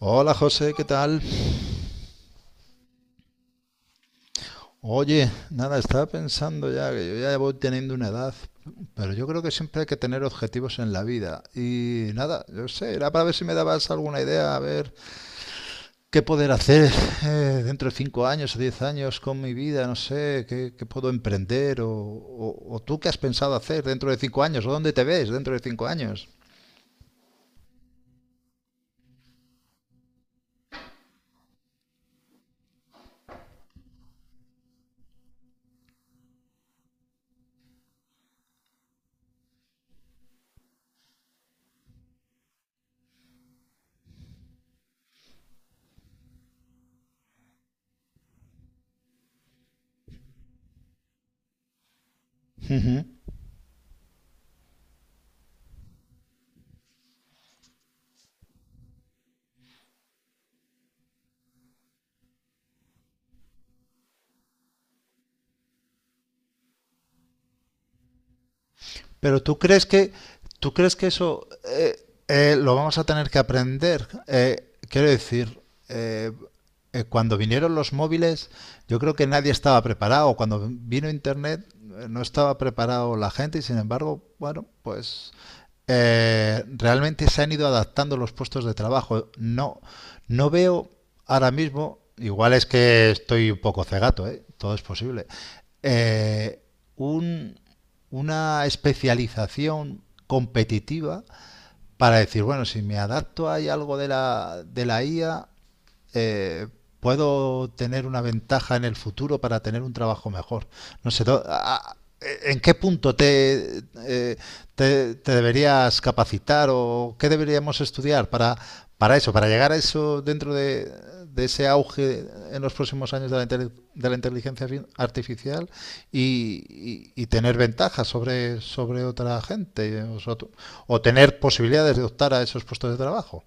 Hola José, ¿qué tal? Oye, nada, estaba pensando ya que yo ya voy teniendo una edad, pero yo creo que siempre hay que tener objetivos en la vida. Y nada, yo sé, era para ver si me dabas alguna idea, a ver qué poder hacer dentro de 5 años o 10 años con mi vida, no sé, qué puedo emprender o tú qué has pensado hacer dentro de 5 años o dónde te ves dentro de 5 años. Pero tú crees que eso lo vamos a tener que aprender. Quiero decir, eh, cuando vinieron los móviles, yo creo que nadie estaba preparado. Cuando vino Internet, no estaba preparado la gente y sin embargo, bueno, pues realmente se han ido adaptando los puestos de trabajo. No, no veo ahora mismo, igual es que estoy un poco cegato, ¿eh? Todo es posible, eh, un- una especialización competitiva para decir, bueno, si me adapto hay algo de la IA, eh, puedo tener una ventaja en el futuro para tener un trabajo mejor. No sé, ¿en qué punto te deberías capacitar o qué deberíamos estudiar para eso, para llegar a eso de ese auge en los próximos años de la artificial y tener ventajas sobre otra gente o tener posibilidades de optar a esos puestos de trabajo?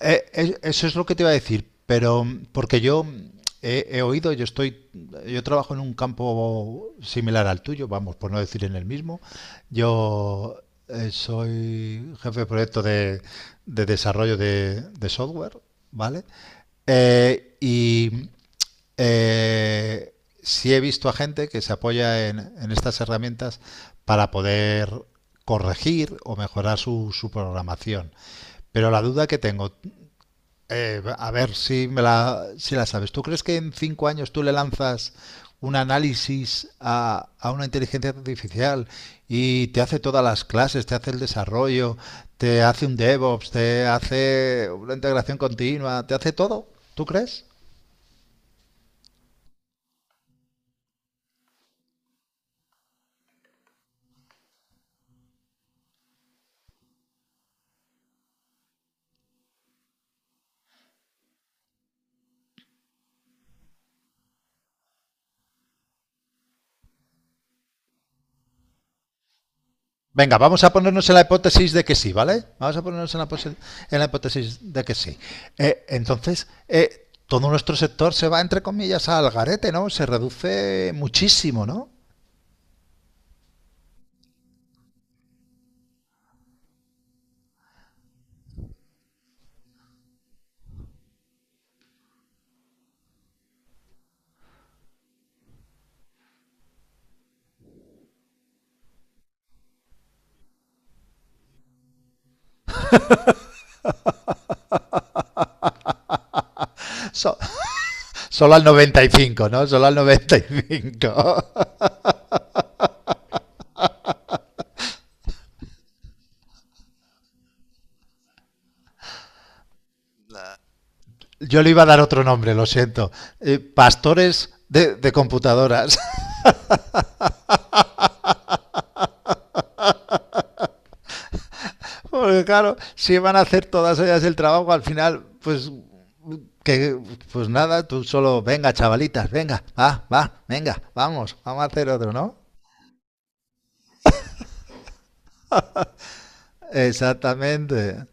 Eso es lo que te iba a decir, pero porque he oído, yo trabajo en un campo similar al tuyo, vamos, por no decir en el mismo. Yo soy jefe de proyecto de desarrollo de software, ¿vale? Eh, y eh, sí he visto a gente que se apoya en estas herramientas para poder corregir o mejorar su programación. Pero la duda que tengo, a ver si si la sabes. ¿Tú crees que en 5 años tú le lanzas un análisis a una inteligencia artificial y te hace todas las clases, te hace el desarrollo, te hace un DevOps, te hace una integración continua, te hace todo? ¿Tú crees? Venga, vamos a ponernos en la hipótesis de que sí, ¿vale? Vamos a ponernos en la hipótesis de que sí. Entonces, todo nuestro sector se va, entre comillas, al garete, ¿no? Se reduce muchísimo, ¿no? So- Solo al 95, ¿no? Solo al noventa y cinco. Yo le iba a dar otro nombre, lo siento. Pastores de computadoras. Porque claro, si van a hacer todas ellas el trabajo, al final, que pues nada, tú solo, venga, chavalitas, venga, venga, vamos a hacer otro, ¿no? Exactamente.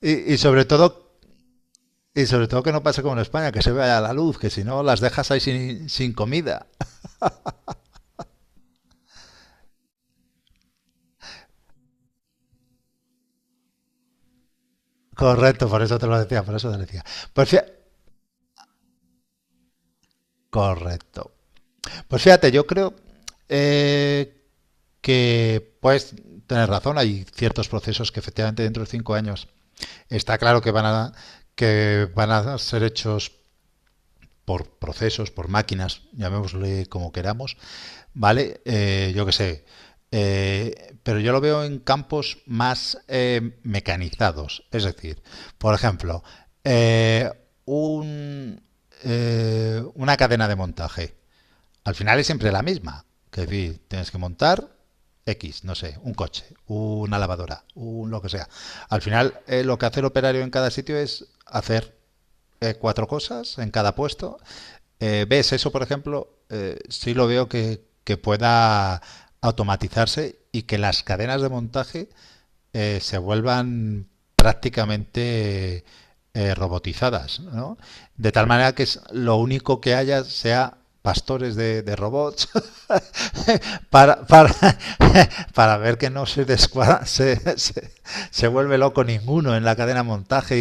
Y, y sobre todo, y sobre todo que no pase como en España, que se vaya la luz, que si no las dejas ahí sin comida. Correcto, por eso te lo decía, por eso te lo decía. Pues fíjate. Correcto. Pues fíjate, yo creo eh, que puedes tener razón. Hay ciertos procesos que efectivamente dentro de 5 años está claro que que van a ser hechos por procesos, por máquinas, llamémosle como queramos, ¿vale? Yo qué sé. Pero yo lo veo en campos más mecanizados. Es decir, por ejemplo, eh, un, una cadena de montaje. Al final es siempre la misma. Que es decir, tienes que montar X, no sé, un coche, una lavadora, un lo que sea. Al final, lo que hace el operario en cada sitio es hacer cuatro cosas en cada puesto. ¿Ves eso, por ejemplo? Sí lo veo que pueda automatizarse y que las cadenas de montaje se vuelvan prácticamente robotizadas, ¿no? De tal manera que lo único que haya sea pastores de robots para, para, para ver que no se, descua- se vuelve loco ninguno en la cadena de montaje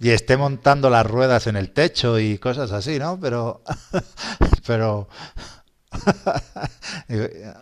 y esté montando las ruedas en el techo y cosas así, ¿no? Pero, pero eh,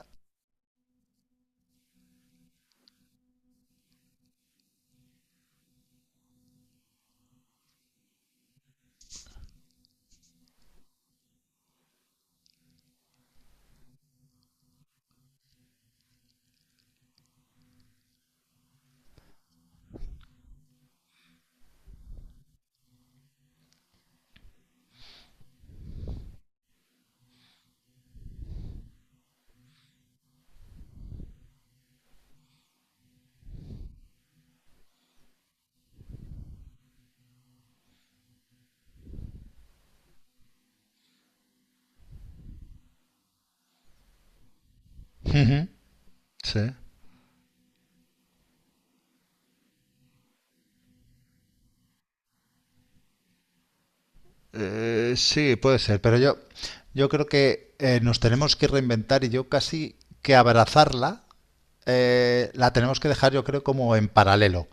sí. Sí, puede ser, pero yo creo que nos tenemos que reinventar y yo casi que abrazarla la tenemos que dejar, yo creo, como en paralelo.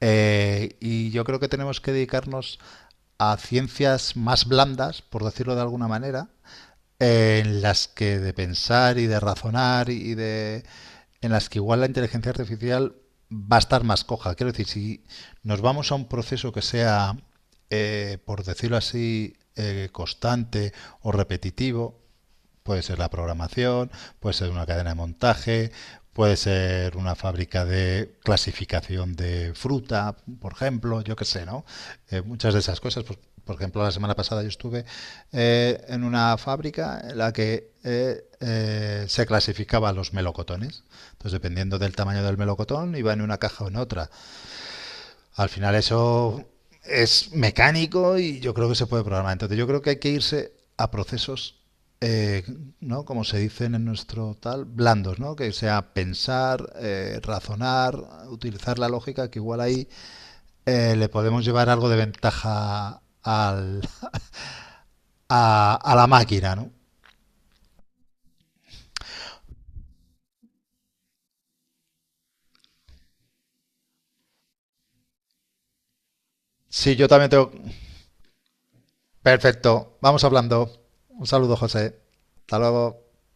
Y yo creo que tenemos que dedicarnos a ciencias más blandas, por decirlo de alguna manera, en las que de pensar y de razonar y de en las que igual la inteligencia artificial va a estar más coja. Quiero decir, si nos vamos a un proceso que sea, por decirlo así, constante o repetitivo, puede ser la programación, puede ser una cadena de montaje, puede ser una fábrica de clasificación de fruta, por ejemplo, yo qué sé, ¿no? Muchas de esas cosas, pues, por ejemplo, la semana pasada yo estuve en una fábrica en la que se clasificaban los melocotones. Entonces, dependiendo del tamaño del melocotón, iba en una caja o en otra. Al final eso es mecánico y yo creo que se puede programar. Entonces yo creo que hay que irse a procesos, eh, ¿no? Como se dicen en nuestro tal, blandos, ¿no? Que sea pensar, razonar, utilizar la lógica, que igual ahí le podemos llevar algo de ventaja al, a la máquina, ¿no? Sí, yo también tengo... Perfecto, vamos hablando. Un saludo, José. Hasta luego.